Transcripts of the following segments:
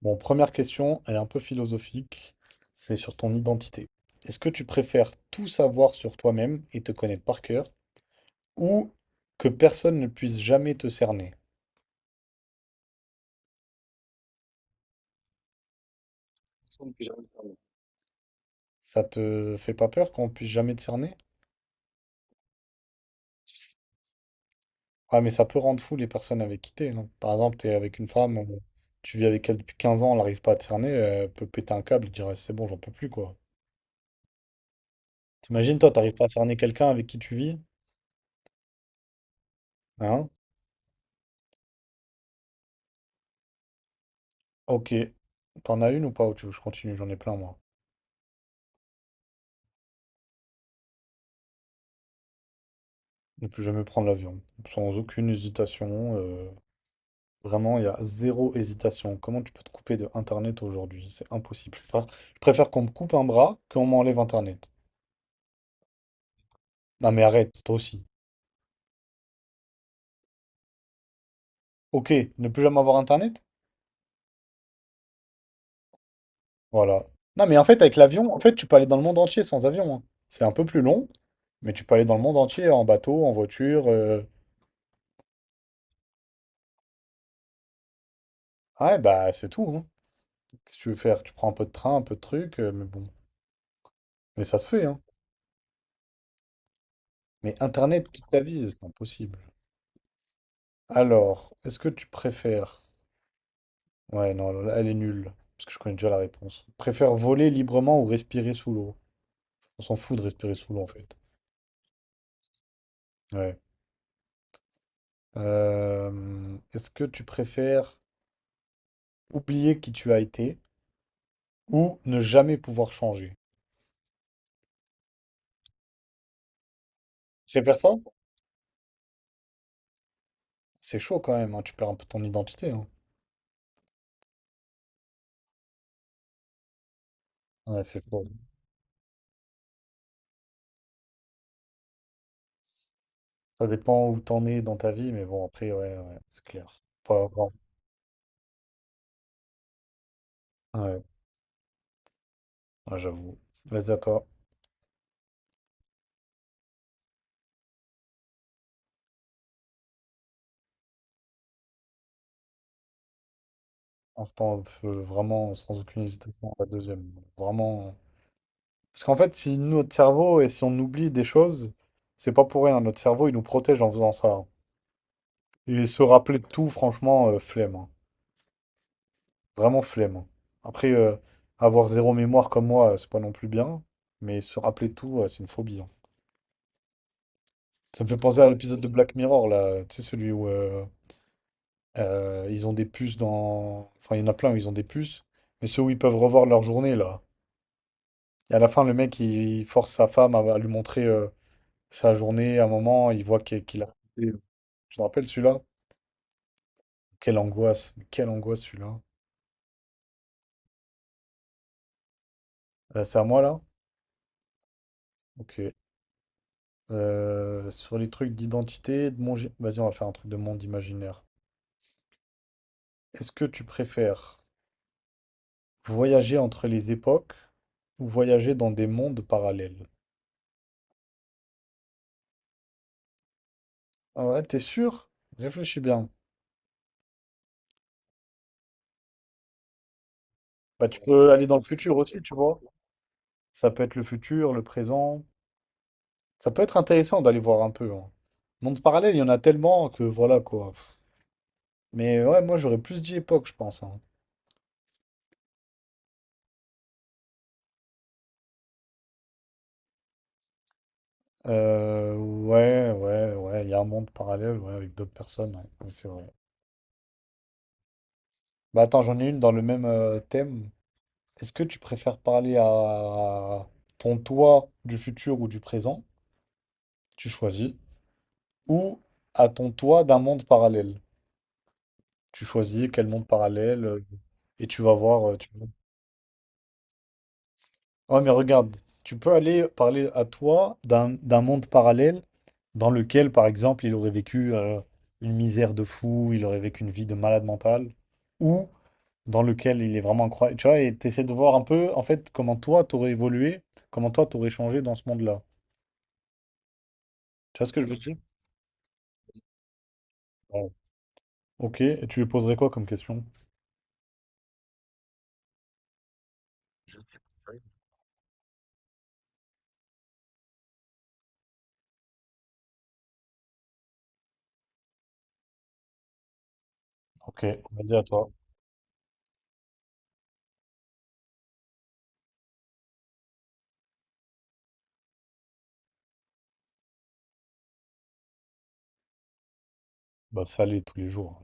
Bon, première question, elle est un peu philosophique, c'est sur ton identité. Est-ce que tu préfères tout savoir sur toi-même et te connaître par cœur, ou que personne ne puisse jamais te cerner? Personne ne peut jamais le faire. Ça te fait pas peur qu'on puisse jamais te cerner? Ah, mais ça peut rendre fou les personnes avec qui t'es, non? Par exemple, t'es avec une femme, tu vis avec elle depuis 15 ans, elle n'arrive pas à te cerner, elle peut péter un câble et dire «Eh, c'est bon, j'en peux plus, quoi. T'imagines, toi, t'arrives pas à cerner quelqu'un avec qui tu vis? Hein? Ok. T'en as une ou pas? Ou tu veux que je continue? J'en ai plein, moi. Ne plus jamais prendre l'avion. Sans aucune hésitation. Vraiment, il y a zéro hésitation. Comment tu peux te couper de Internet aujourd'hui? C'est impossible. Je préfère qu'on me coupe un bras qu'on m'enlève Internet. Non mais arrête, toi aussi. Ok, ne plus jamais avoir Internet? Voilà. Non mais en fait, avec l'avion, en fait, tu peux aller dans le monde entier sans avion, hein. C'est un peu plus long, mais tu peux aller dans le monde entier en bateau, en voiture. Ah ouais, bah c'est tout, hein. Qu'est-ce que tu veux faire? Tu prends un peu de train, un peu de truc, mais bon. Mais ça se fait, hein. Mais Internet toute ta vie, c'est impossible. Alors, est-ce que tu préfères... Ouais, non, elle est nulle, parce que je connais déjà la réponse. Préfère voler librement ou respirer sous l'eau? On s'en fout de respirer sous l'eau, en fait. Ouais. Est-ce que tu préfères oublier qui tu as été ou ne jamais pouvoir changer? Tu préfères ça? C'est chaud quand même, hein, tu perds un peu ton identité, hein. Ouais, c'est chaud. Ça dépend où t'en es dans ta vie, mais bon, après, ouais, ouais, c'est clair. Pas grand. Ouais, ouais, j'avoue. Vas-y à toi. Instant, pff, vraiment sans aucune hésitation, la deuxième. Vraiment. Parce qu'en fait, si notre cerveau et si on oublie des choses, c'est pas pour rien. Notre cerveau, il nous protège en faisant ça. Et se rappeler de tout, franchement, flemme, hein. Vraiment flemme, hein. Après, avoir zéro mémoire comme moi, c'est pas non plus bien. Mais se rappeler de tout, c'est une phobie, hein. Ça me fait penser à l'épisode de Black Mirror, là. Tu sais, celui où ils ont des puces dans. Enfin, il y en a plein où ils ont des puces. Mais ceux où ils peuvent revoir leur journée, là. Et à la fin, le mec, il force sa femme à lui montrer sa journée. À un moment, il voit qu'il a... euh, Je te rappelle celui-là? Quelle angoisse. Quelle angoisse celui-là. C'est à moi là? Ok. Sur les trucs d'identité, de monde... Vas-y, on va faire un truc de monde imaginaire. Est-ce que tu préfères voyager entre les époques ou voyager dans des mondes parallèles? Ah ouais, t'es sûr? Réfléchis bien. Bah, tu peux aller dans le futur aussi, tu vois. Ça peut être le futur, le présent. Ça peut être intéressant d'aller voir un peu, hein. Monde parallèle, il y en a tellement que voilà quoi. Pff. Mais ouais, moi j'aurais plus dit époque, je pense, hein. Ouais, ouais, ouais, il y a un monde parallèle ouais, avec d'autres personnes, ouais, ouais, c'est vrai. Bah attends, j'en ai une dans le même thème. Est-ce que tu préfères parler à ton toi du futur ou du présent? Tu choisis. Ou à ton toi d'un monde parallèle? Tu choisis quel monde parallèle et tu vas voir. Ouais, mais regarde, tu peux aller parler à toi d'un monde parallèle dans lequel, par exemple, il aurait vécu une misère de fou, il aurait vécu une vie de malade mental, ou dans lequel il est vraiment incroyable. Tu vois, et t'essaies de voir un peu, en fait, comment toi, t'aurais évolué, comment toi, t'aurais changé dans ce monde-là. Tu vois ce que je veux dire? Ouais. Ok, et tu lui poserais quoi comme question? Ok, vas-y à toi. Bah, salé tous les jours.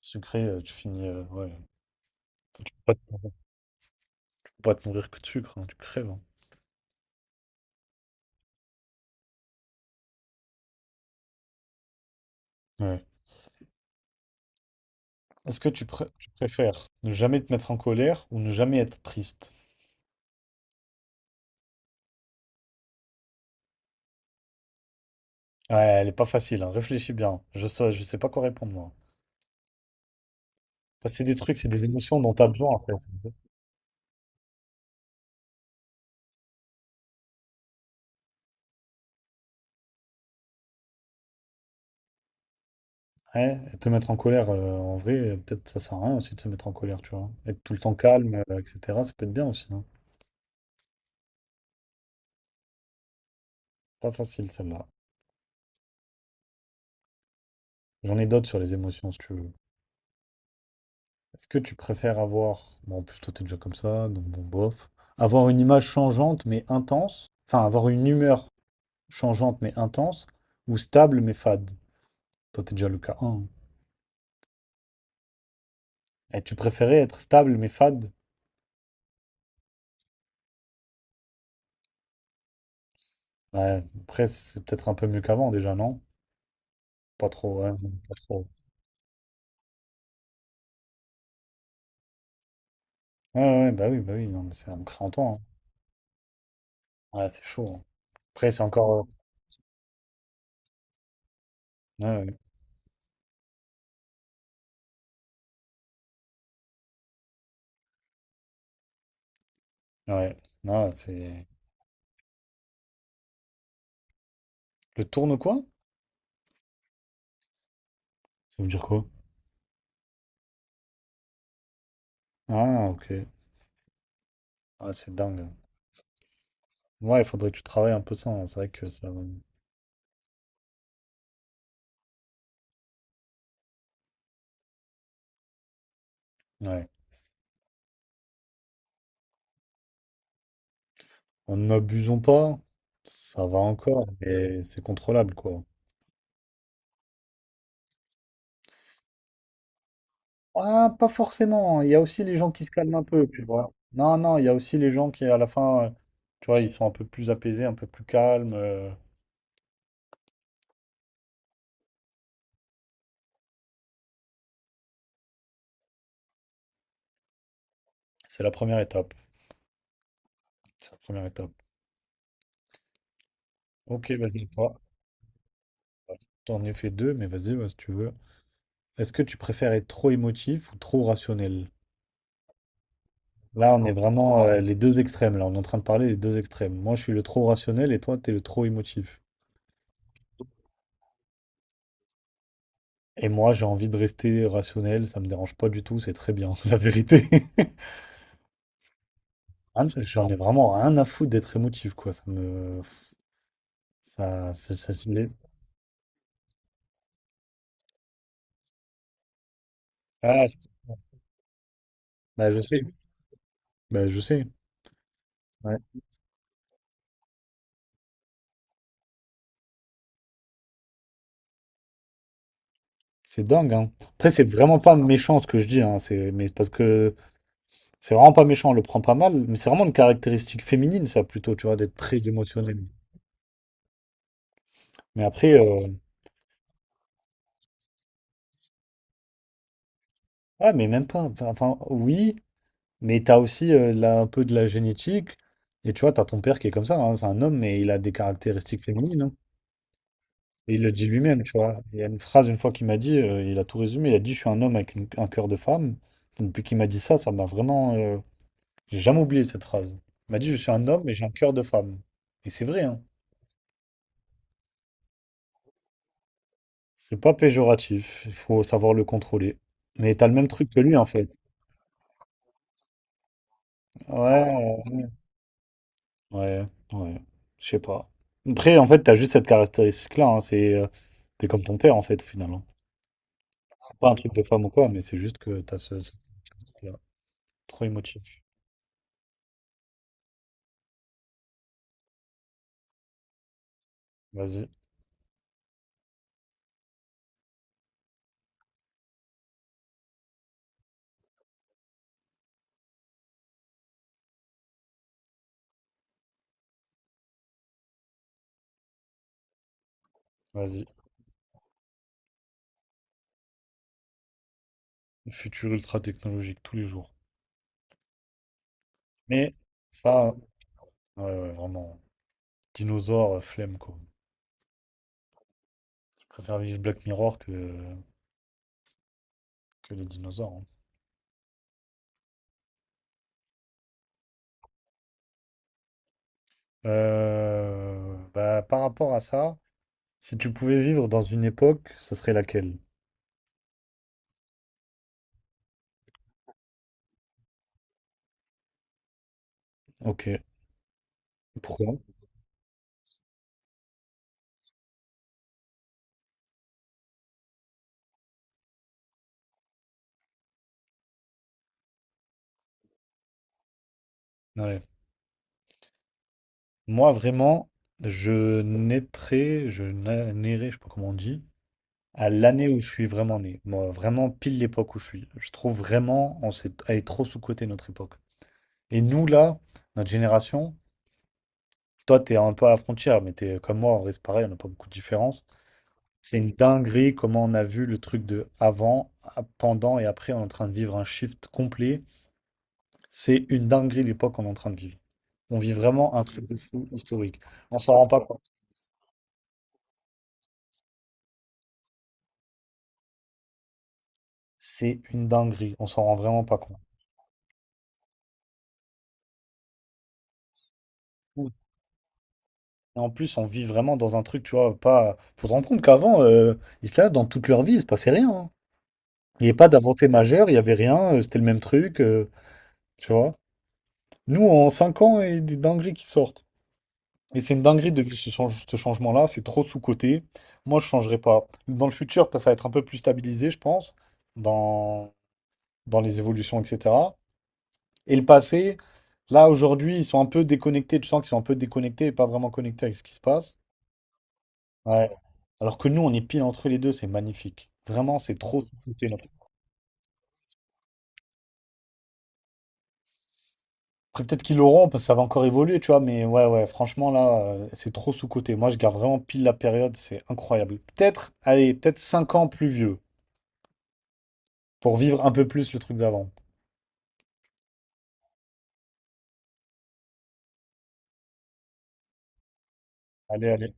Sucré, tu finis. Ouais. Pas te, faut pas te nourrir que de sucre, hein, tu crèves, hein. Ouais. Est-ce que tu, tu préfères ne jamais te mettre en colère ou ne jamais être triste? Ouais, elle est pas facile, hein, réfléchis bien. Je sais pas quoi répondre, moi. Parce que c'est des trucs, c'est des émotions dont t'as besoin, en fait. Ouais, et te mettre en colère, en vrai, peut-être ça sert à rien aussi de se mettre en colère, tu vois. Être tout le temps calme, etc., ça peut être bien aussi, hein. Pas facile, celle-là. J'en ai d'autres sur les émotions, si tu veux. Est-ce que tu préfères avoir... Bon, en plus, toi, t'es déjà comme ça, donc bon, bof. Avoir une image changeante, mais intense. Enfin, avoir une humeur changeante mais intense, ou stable mais fade? Toi, t'es déjà le cas 1. Et tu préférais être stable mais fade? Ouais, après, c'est peut-être un peu mieux qu'avant déjà, non? Pas trop, ouais, pas trop. Ouais, ouais, ouais, bah oui, non, mais c'est on crée en temps hein. Ouais, c'est chaud, hein. Après, c'est encore. Ouais, ouais, ouais. Non, c'est. Le tourne quoi? Ça veut dire quoi? Ah, ok. Ah, c'est dingue. Ouais, il faudrait que tu travailles un peu ça, hein. C'est vrai que ça. Ouais. En n'abusons pas, ça va encore, mais c'est contrôlable, quoi. Ah, pas forcément. Il y a aussi les gens qui se calment un peu, tu vois. Non, non, il y a aussi les gens qui, à la fin, tu vois, ils sont un peu plus apaisés, un peu plus calmes. C'est la première étape. C'est la première étape. Ok, vas-y, toi. T'en ai fait deux, mais vas-y, ouais, si tu veux. Est-ce que tu préfères être trop émotif ou trop rationnel? Là, on est vraiment les deux extrêmes. Là, on est en train de parler des deux extrêmes. Moi, je suis le trop rationnel et toi, t'es le trop émotif. Et moi, j'ai envie de rester rationnel. Ça me dérange pas du tout. C'est très bien, la vérité. Ah, mais j'en ai vraiment rien à foutre d'être émotif, quoi. Ça me. Ça- ça- Ah, bah, je sais. Bah, je sais. C'est dingue, hein. Après, c'est vraiment pas méchant ce que je dis, hein. C'est, mais parce que c'est vraiment pas méchant, on le prend pas mal. Mais c'est vraiment une caractéristique féminine, ça, plutôt, tu vois, d'être très émotionnel. Mais après, ouais, mais même pas. Enfin, enfin, oui, mais t'as aussi là, un peu de la génétique. Et tu vois, t'as ton père qui est comme ça, hein. C'est un homme, mais il a des caractéristiques féminines, hein. Et il le dit lui-même, tu vois. Il y a une phrase une fois qu'il m'a dit, il a tout résumé, il a dit, je suis un homme avec un cœur de femme. Depuis qu'il m'a dit ça, ça m'a vraiment... j'ai jamais oublié cette phrase. Il m'a dit, je suis un homme et j'ai un cœur de femme. Et c'est vrai, hein. C'est pas péjoratif, il faut savoir le contrôler. Mais t'as le même truc que lui, en fait. Ouais, euh, ouais, ouais. Je sais pas. Après, en fait, t'as juste cette caractéristique-là, hein, c'est... T'es comme ton père, en fait, au final, hein. Pas un truc de femme ou quoi, mais c'est juste que t'as ce... ce truc-là. Trop émotif. Vas-y, vas-y. Le futur ultra technologique tous les jours. Mais ça, ouais, ouais, vraiment. Dinosaures, flemme quoi. Je préfère vivre Black Mirror que les dinosaures, hein. Bah, par rapport à ça, si tu pouvais vivre dans une époque, ça serait laquelle? Ok. Pourquoi? Ouais. Moi, vraiment, je naîtrais, nairais, je sais pas comment on dit, à l'année où je suis vraiment né. Moi, vraiment pile l'époque où je suis. Je trouve vraiment, on s'est, elle est trop sous-cotée notre époque. Et nous, là, notre génération, toi, t'es un peu à la frontière, mais t'es comme moi, en vrai, c'est pareil, on n'a pas beaucoup de différence. C'est une dinguerie comment on a vu le truc de avant, pendant et après, on est en train de vivre un shift complet. C'est une dinguerie l'époque qu'on est en train de vivre. On vit vraiment un truc de fou historique. On s'en rend pas compte. C'est une dinguerie. On s'en rend vraiment pas compte. Et en plus, on vit vraiment dans un truc, tu vois, pas. Faut se rendre compte qu'avant, ils étaient là dans toute leur vie, il se passait rien, hein. Il n'y avait pas d'avancée majeure, il n'y avait rien, c'était le même truc, tu vois. Nous, en 5 ans, il y a des dingueries qui sortent. Et c'est une dinguerie de ce changement-là, c'est trop sous-coté. Moi, je ne changerai pas. Dans le futur, ça va être un peu plus stabilisé, je pense, dans, dans les évolutions, etc. Et le passé, là, aujourd'hui, ils sont un peu déconnectés. Tu sens qu'ils sont un peu déconnectés et pas vraiment connectés avec ce qui se passe. Ouais. Alors que nous, on est pile entre les deux, c'est magnifique. Vraiment, c'est trop sous-coté là. Après, peut-être qu'ils l'auront, parce que ça va encore évoluer, tu vois, mais ouais, ouais, franchement, là, c'est trop sous-coté. Moi, je garde vraiment pile la période, c'est incroyable. Peut-être, allez, peut-être 5 ans plus vieux. Pour vivre un peu plus le truc d'avant. Allez, allez.